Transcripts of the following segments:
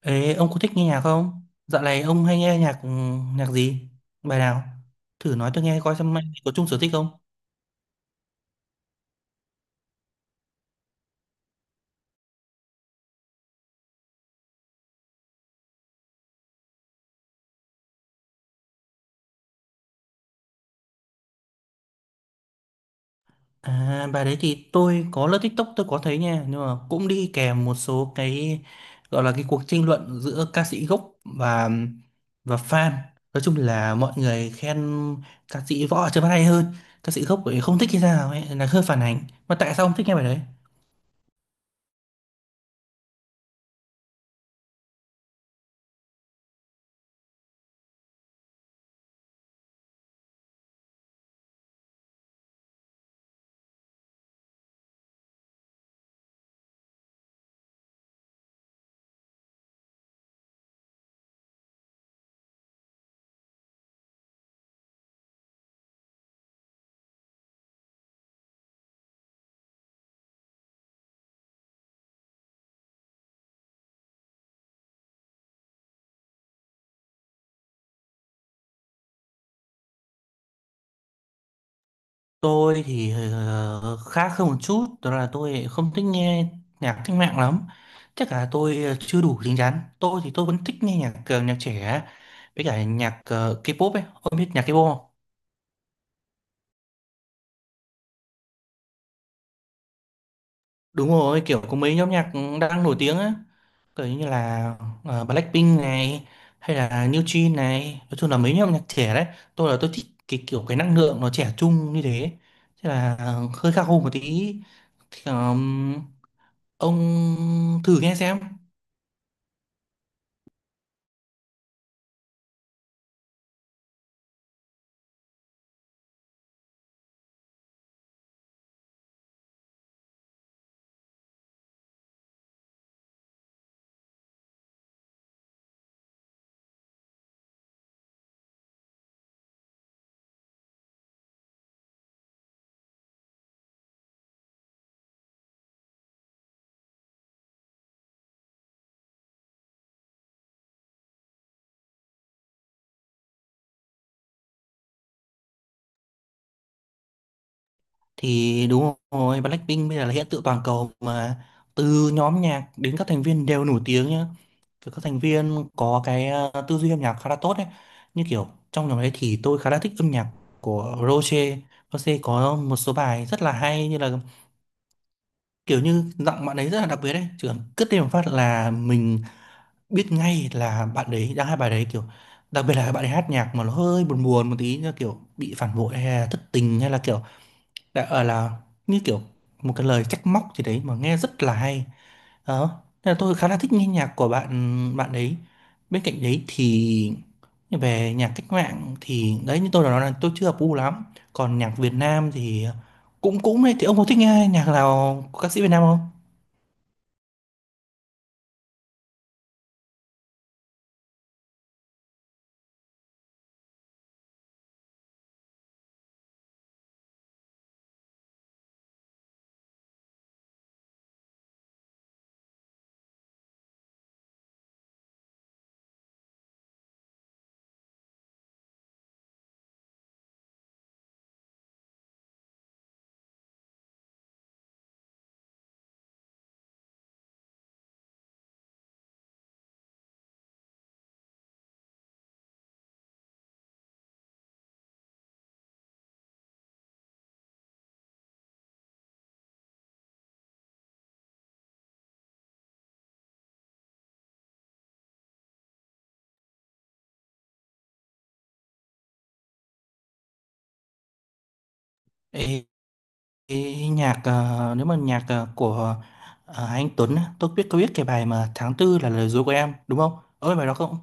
Ê, ông có thích nghe nhạc không? Dạo này ông hay nghe nhạc nhạc gì? Bài nào? Thử nói tôi nghe coi xem anh có chung sở thích không? À, bài đấy thì tôi có lướt TikTok tôi có thấy nha, nhưng mà cũng đi kèm một số cái gọi là cái cuộc tranh luận giữa ca sĩ gốc và và fan. Nói chung là mọi người khen ca sĩ Võ Trường Văn hay hơn, ca sĩ gốc thì không thích hay sao ấy, là hơi phản ánh. Mà tại sao ông thích nghe bài đấy? Tôi thì khác hơn một chút, đó là tôi không thích nghe nhạc cách mạng lắm. Chắc là tôi chưa đủ chín chắn. Tôi thì tôi vẫn thích nghe nhạc nhạc trẻ với cả nhạc K-pop ấy. Ông biết nhạc K-pop không? Đúng rồi, kiểu có mấy nhóm nhạc đang nổi tiếng á, kiểu như là Blackpink này hay là New Jeans này, nói chung là mấy nhóm nhạc trẻ đấy. Tôi là tôi thích cái kiểu cái năng lượng nó trẻ trung như thế. Thế là hơi khác hơn một tí. Thì, ông thử nghe xem. Thì đúng rồi, Blackpink bây giờ là hiện tượng toàn cầu mà từ nhóm nhạc đến các thành viên đều nổi tiếng nhá. Kiểu các thành viên có cái tư duy âm nhạc khá là tốt đấy. Như kiểu trong nhóm đấy thì tôi khá là thích âm nhạc của Rosé. Rosé có một số bài rất là hay, như là kiểu như giọng bạn ấy rất là đặc biệt đấy. Chỉ cần cất lên một phát là mình biết ngay là bạn đấy đang hát bài đấy, kiểu đặc biệt là bạn ấy hát nhạc mà nó hơi buồn buồn một tí, như kiểu bị phản bội hay là thất tình, hay là kiểu đã ở là như kiểu một cái lời trách móc gì đấy mà nghe rất là hay đó, nên là tôi khá là thích nghe nhạc của bạn bạn ấy. Bên cạnh đấy thì về nhạc cách mạng thì đấy, như tôi đã nói là tôi chưa hợp gu lắm, còn nhạc Việt Nam thì cũng cũng đấy. Thì ông có thích nghe nhạc nào của ca sĩ Việt Nam không? Ê, ê, nhạc nếu mà nhạc của anh Tuấn á, tôi biết có biết cái bài mà tháng tư là lời dối của em đúng không? Ơi bài đó không?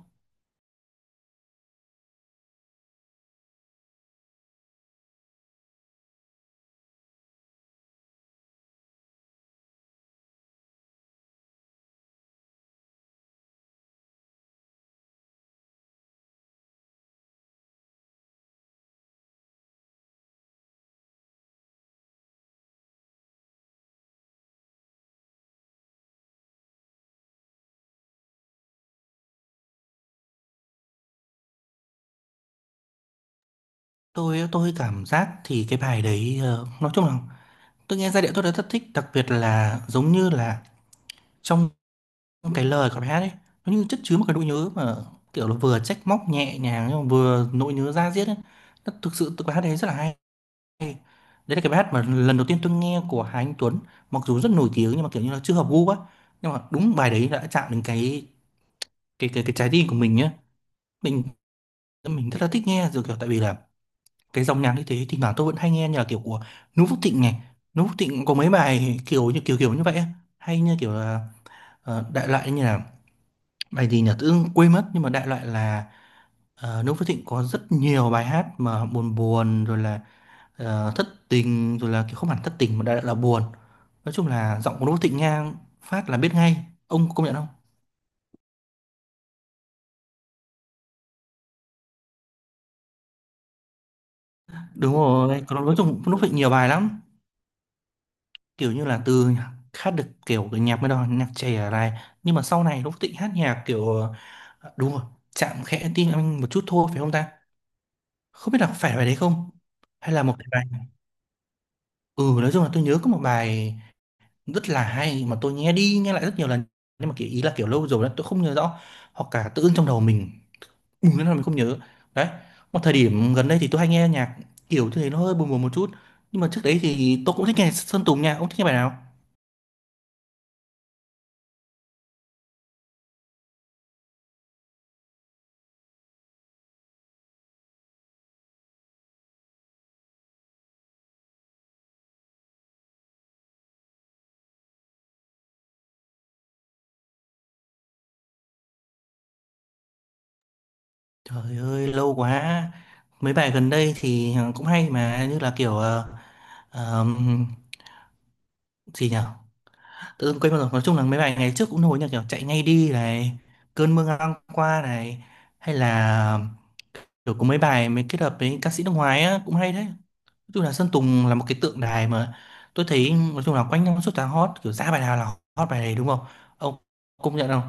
Tôi cảm giác thì cái bài đấy nói chung là tôi nghe giai điệu tôi đã rất thích, đặc biệt là giống như là trong cái lời của bài hát ấy, nó như chất chứa một cái nỗi nhớ, mà kiểu là vừa trách móc nhẹ nhàng nhưng mà vừa nỗi nhớ da diết ấy. Nó thực sự tôi bài hát đấy rất là hay. Đấy là cái bài hát mà lần đầu tiên tôi nghe của Hà Anh Tuấn, mặc dù rất nổi tiếng nhưng mà kiểu như là chưa hợp gu á. Nhưng mà đúng bài đấy đã chạm đến cái trái tim của mình nhá. Mình mình rất là thích nghe rồi, kiểu tại vì là cái dòng nhạc như thế thì thoảng tôi vẫn hay nghe, như là kiểu của Nú Phúc Thịnh này. Nú Phúc Thịnh có mấy bài kiểu như vậy á. Hay như kiểu là đại loại như là bài gì nhỉ, tự dưng quên mất, nhưng mà đại loại là Nú Phúc Thịnh có rất nhiều bài hát mà buồn buồn, rồi là thất tình, rồi là kiểu không hẳn thất tình mà đại loại là buồn. Nói chung là giọng của Nú Phúc Thịnh nghe phát là biết ngay, ông có công nhận không? Đúng rồi, còn nói chung Nú Phúc Thịnh nhiều bài lắm, kiểu như là từ hát được kiểu cái nhạc mới đó, nhạc trẻ này, nhưng mà sau này lúc Thịnh hát nhạc kiểu đúng rồi, chạm khẽ tim anh một chút thôi, phải không ta? Không biết là phải bài đấy không, hay là một cái bài. Ừ, nói chung là tôi nhớ có một bài rất là hay mà tôi nghe đi nghe lại rất nhiều lần, nhưng mà kiểu ý là kiểu lâu rồi đó, tôi không nhớ rõ, hoặc cả tự dưng trong đầu mình bùng lên là mình không nhớ. Đấy, một thời điểm gần đây thì tôi hay nghe nhạc kiểu như thế, nó hơi buồn buồn một chút, nhưng mà trước đấy thì tôi cũng thích nghe Sơn Tùng nha. Ông thích nghe bài nào? Trời ơi, lâu quá. Mấy bài gần đây thì cũng hay mà, như là kiểu ờm, gì nhở, tự dưng quên mất rồi. Nói chung là mấy bài ngày trước cũng nổi, như kiểu Chạy Ngay Đi này, Cơn Mưa Ngang Qua này, hay là kiểu có mấy bài mới kết hợp với ca sĩ nước ngoài á cũng hay đấy. Nói chung là Sơn Tùng là một cái tượng đài mà tôi thấy, nói chung là quanh năm suốt tháng hot, kiểu ra bài nào là hot bài này, đúng không? Ông công nhận không?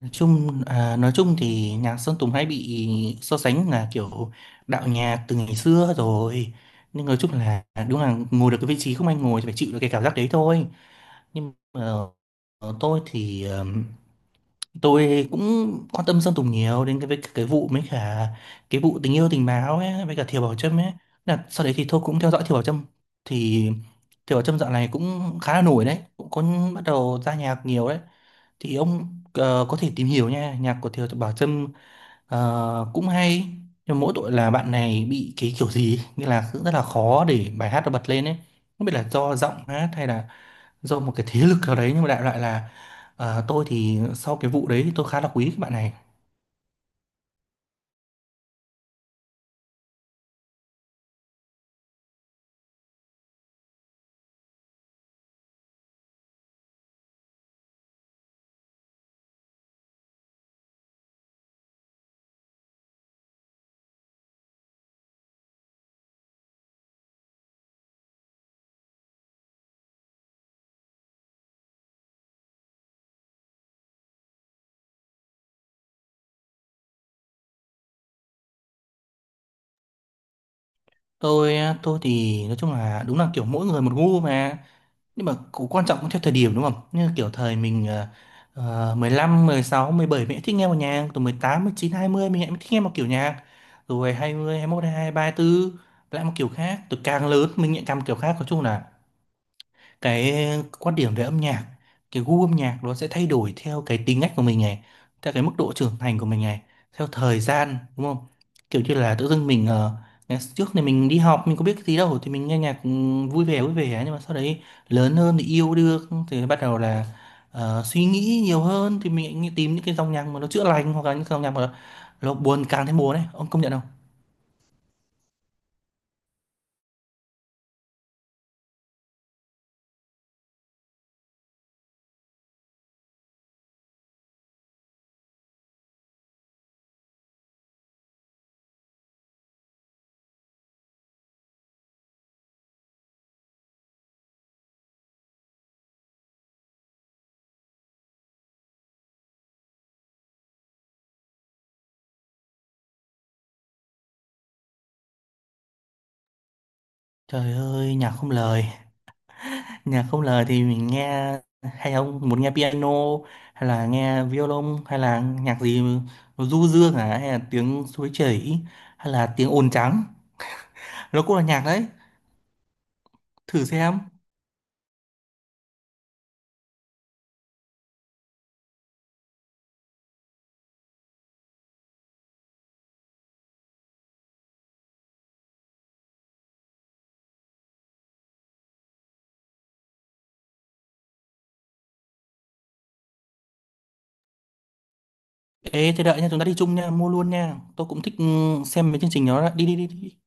Nói chung à, nói chung thì nhạc Sơn Tùng hay bị so sánh là kiểu đạo nhạc từ ngày xưa rồi, nhưng nói chung là đúng là ngồi được cái vị trí không anh ngồi thì phải chịu được cái cảm giác đấy thôi. Nhưng mà tôi thì tôi cũng quan tâm Sơn Tùng nhiều đến cái với cái vụ mấy cả cái vụ tình yêu tình báo ấy với cả Thiều Bảo Trâm ấy, là sau đấy thì tôi cũng theo dõi Thiều Bảo Trâm. Thì Thiều Bảo Trâm dạo này cũng khá là nổi đấy, cũng có bắt đầu ra nhạc nhiều đấy. Thì ông có thể tìm hiểu nha, nhạc của Thiều Bảo Trâm cũng hay, nhưng mỗi tội là bạn này bị cái kiểu gì ấy, nghĩa là cũng rất là khó để bài hát nó bật lên ấy. Không biết là do giọng hát hay là do một cái thế lực nào đấy, nhưng mà đại loại là tôi thì sau cái vụ đấy thì tôi khá là quý các bạn này. Tôi tôi thì nói chung là đúng là kiểu mỗi người một gu mà, nhưng mà cũng quan trọng, cũng theo thời điểm đúng không, như kiểu thời mình uh, 15, 16, 17 mình cũng thích nghe một nhạc, từ 17, 18, 19, 20 mình cũng thích nghe một kiểu nhạc, rồi 20, 21, mươi 24 lại một kiểu khác. Từ càng lớn mình lại càng một kiểu khác. Nói chung là cái quan điểm về âm nhạc, cái gu âm nhạc nó sẽ thay đổi theo cái tính cách của mình này, theo cái mức độ trưởng thành của mình này, theo thời gian, đúng không? Kiểu như là tự dưng mình ngày trước thì mình đi học mình có biết cái gì đâu, thì mình nghe nhạc vui vẻ vui vẻ, nhưng mà sau đấy lớn hơn thì yêu đương thì bắt đầu là suy nghĩ nhiều hơn, thì mình lại tìm những cái dòng nhạc mà nó chữa lành, hoặc là những dòng nhạc mà nó buồn càng thêm buồn ấy. Ông công nhận không? Trời ơi, nhạc không lời. Nhạc không lời thì mình nghe, hay ông muốn nghe piano, hay là nghe violon, hay là nhạc gì nó du dương, à, hay là tiếng suối chảy, hay là tiếng ồn trắng, nó cũng là nhạc đấy. Thử xem. Ê thế đợi nha, chúng ta đi chung nha, mua luôn nha, tôi cũng thích xem mấy chương trình đó đó. Đi đi đi đi.